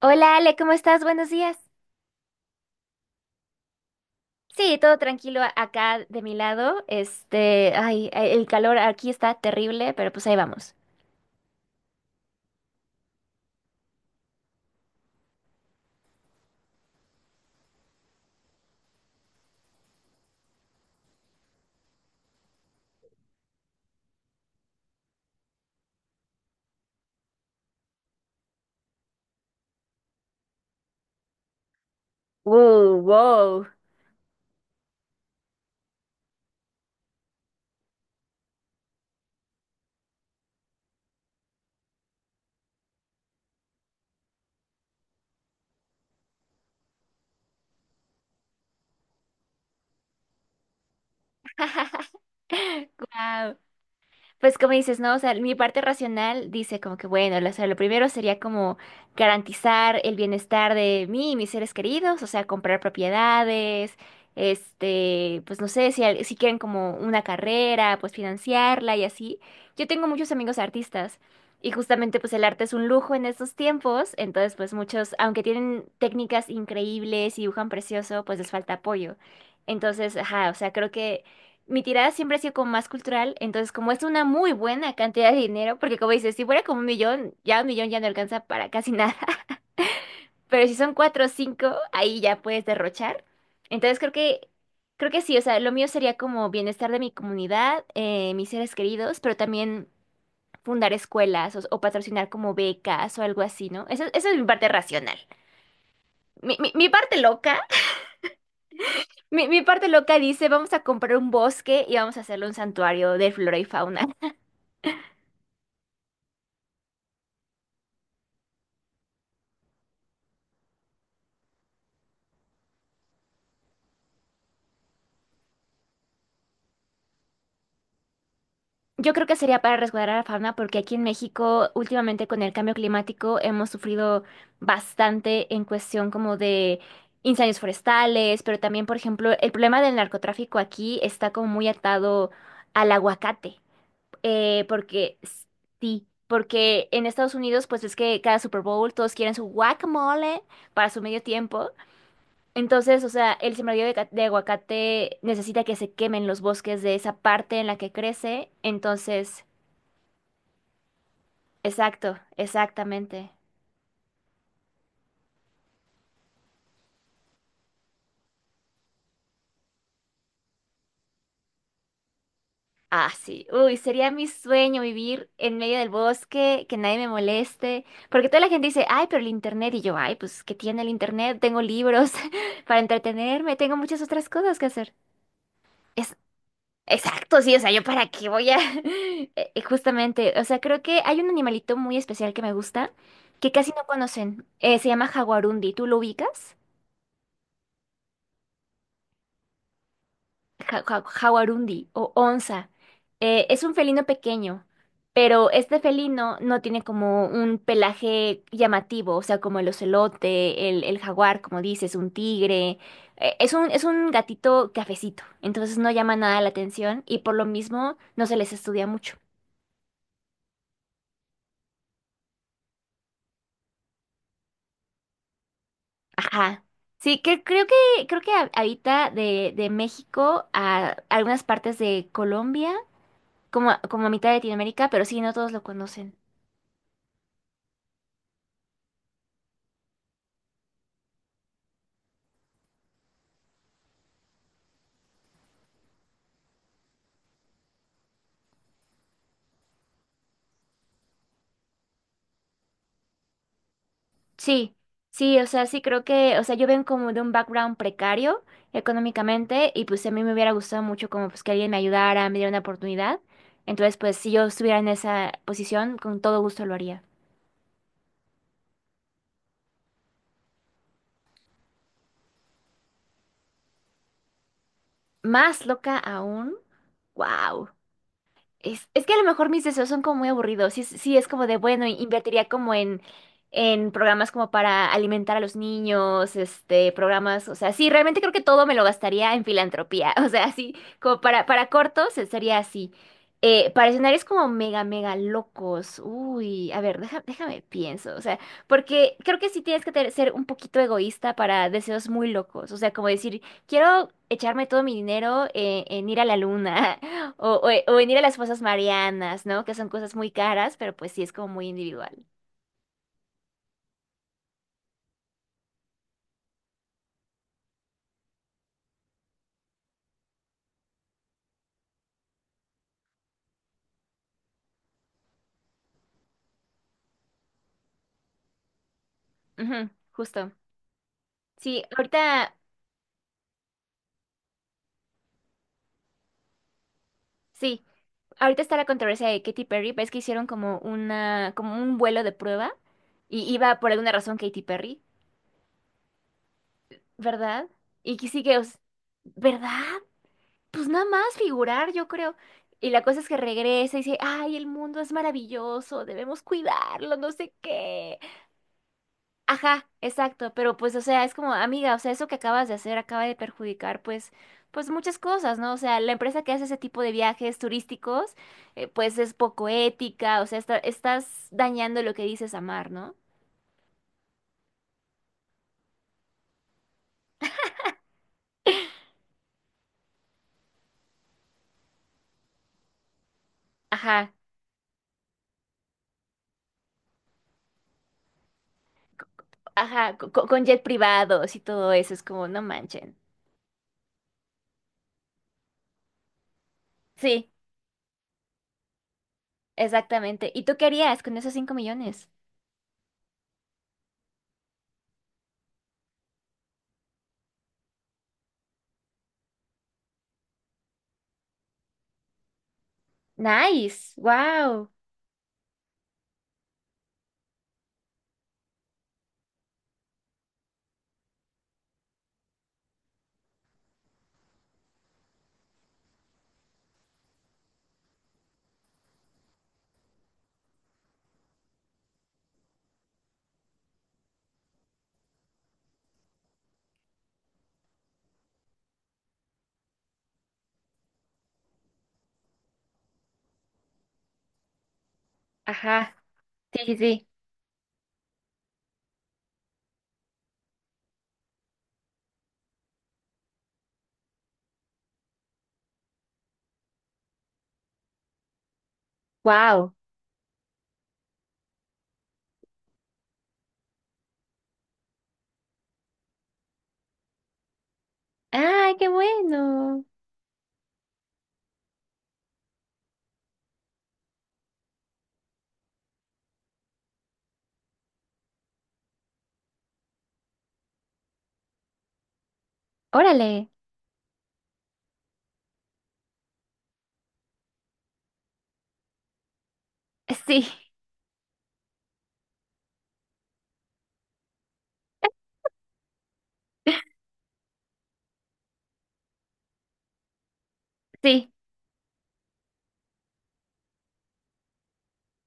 Hola Ale, ¿cómo estás? Buenos días. Sí, todo tranquilo acá de mi lado. Ay, el calor aquí está terrible, pero pues ahí vamos. Wow, wow. Guau. Pues como dices, ¿no? O sea, mi parte racional dice como que, bueno, lo, o sea, lo primero sería como garantizar el bienestar de mí y mis seres queridos, o sea, comprar propiedades, pues no sé, si, si quieren como una carrera, pues financiarla y así. Yo tengo muchos amigos artistas y justamente pues el arte es un lujo en estos tiempos, entonces pues muchos, aunque tienen técnicas increíbles y dibujan precioso, pues les falta apoyo. Entonces, ajá, o sea, creo que mi tirada siempre ha sido como más cultural, entonces como es una muy buena cantidad de dinero, porque como dices, si fuera como un millón ya no alcanza para casi nada, pero si son cuatro o cinco, ahí ya puedes derrochar. Entonces creo que, creo que sí, o sea, lo mío sería como bienestar de mi comunidad, mis seres queridos, pero también fundar escuelas o patrocinar como becas o algo así, ¿no? Esa es mi parte racional. Mi parte loca, mi parte loca dice, vamos a comprar un bosque y vamos a hacerle un santuario de flora y fauna. Yo creo que sería para resguardar a la fauna porque aquí en México últimamente con el cambio climático hemos sufrido bastante en cuestión como de incendios forestales, pero también, por ejemplo, el problema del narcotráfico aquí está como muy atado al aguacate, eh, porque s- sí, porque en Estados Unidos pues es que cada Super Bowl todos quieren su guacamole para su medio tiempo, entonces, o sea, el sembradío de, de aguacate necesita que se quemen los bosques de esa parte en la que crece, entonces... Exacto, exactamente. Ah, sí. Uy, sería mi sueño vivir en medio del bosque, que nadie me moleste. Porque toda la gente dice, ay, pero el internet. Y yo, ay, pues, ¿qué tiene el internet? Tengo libros para entretenerme, tengo muchas otras cosas que hacer. Es, exacto, sí, o sea, ¿yo para qué voy a...? Justamente, o sea, creo que hay un animalito muy especial que me gusta, que casi no conocen. Se llama jaguarundi. ¿Tú lo ubicas? Jaguarundi o onza. Es un felino pequeño, pero este felino no tiene como un pelaje llamativo, o sea, como el ocelote, el jaguar, como dices, un tigre. Es un, es un gatito cafecito, entonces no llama nada la atención y por lo mismo no se les estudia mucho. Ajá. Sí, que, creo que habita de México a algunas partes de Colombia, como, como a mitad de Latinoamérica, pero sí, no todos lo conocen. Sí, sí, o sea, sí creo que, o sea, yo vengo como de un background precario económicamente y pues a mí me hubiera gustado mucho como pues que alguien me ayudara, me diera una oportunidad. Entonces, pues si yo estuviera en esa posición, con todo gusto lo haría. Más loca aún, wow. Es que a lo mejor mis deseos son como muy aburridos. Sí, sí, es como de, bueno, en programas como para alimentar a los niños, programas, o sea, sí, realmente creo que todo me lo gastaría en filantropía. O sea, así, para cortos sería así. Para escenarios como mega, mega locos. Uy, a ver, déjame pienso. O sea, porque creo que sí tienes que ser un poquito egoísta para deseos muy locos. O sea, como decir, quiero echarme todo mi dinero en ir a la luna. O venir a las fosas marianas, ¿no? Que son cosas muy caras, pero pues sí es como muy individual. Ujú, justo. Sí, sí, ahorita está la controversia de Katy Perry, ves que hicieron como una, como un vuelo de prueba y iba por alguna razón Katy Perry, ¿verdad? Y que sí que, os- ¿verdad? Pues nada más figurar, yo creo. Y la cosa es que regresa y dice, ay, el mundo es maravilloso, debemos cuidarlo, no sé qué. Ajá, exacto, pero pues, o sea, es como, amiga, o sea, eso que acabas de hacer acaba de perjudicar, pues, pues muchas cosas, ¿no? O sea, la empresa que hace ese tipo de viajes turísticos, pues es poco ética, o sea, estás dañando lo que dices amar, ¿no? Ajá, ajá, con, jet privados y todo eso, es como, no manchen. Sí, exactamente. ¿Y tú qué harías con esos cinco millones? Nice, wow. Ajá, sí, sí, sí, wow. Ay, qué bueno. Órale, sí. Sí.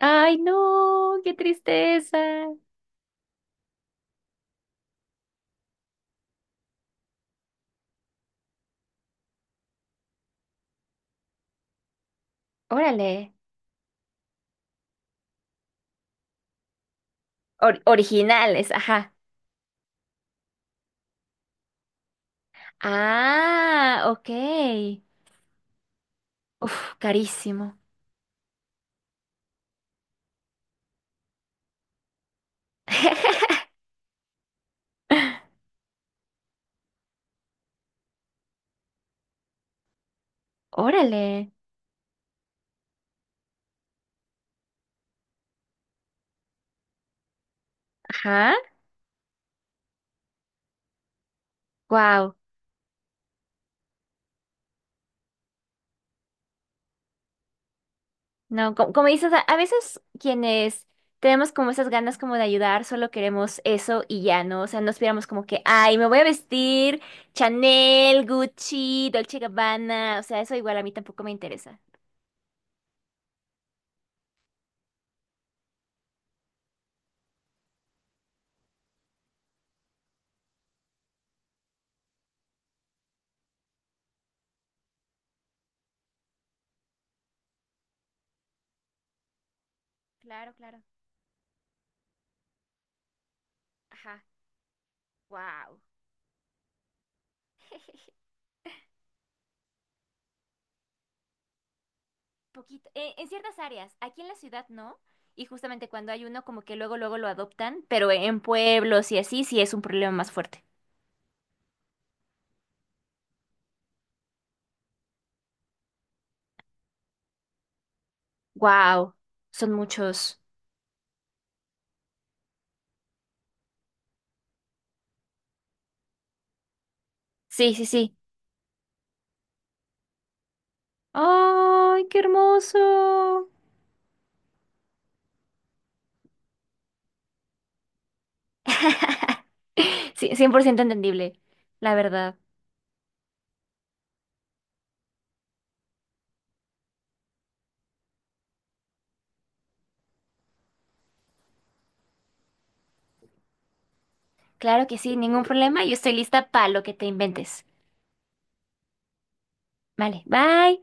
Ay, no, qué tristeza. Órale. Originales, ajá. Ah, ok. Uf, carísimo. Órale. Ajá. Wow. No, como, dices, a veces quienes tenemos como esas ganas como de ayudar, solo queremos eso y ya, ¿no? O sea, no esperamos como que, ay, me voy a vestir Chanel, Gucci, Dolce Gabbana. O sea, eso igual a mí tampoco me interesa. Claro, claro. Ajá. Wow. Poquito. En ciertas áreas, aquí en la ciudad no, y justamente cuando hay uno como que luego luego lo adoptan, pero en pueblos y así sí es un problema más fuerte. Wow, son muchos. Sí, sí, sí. ¡Ay, qué hermoso! Sí, 100% entendible, la verdad. Claro que sí, ningún problema, yo estoy lista para lo que te inventes. Vale, bye.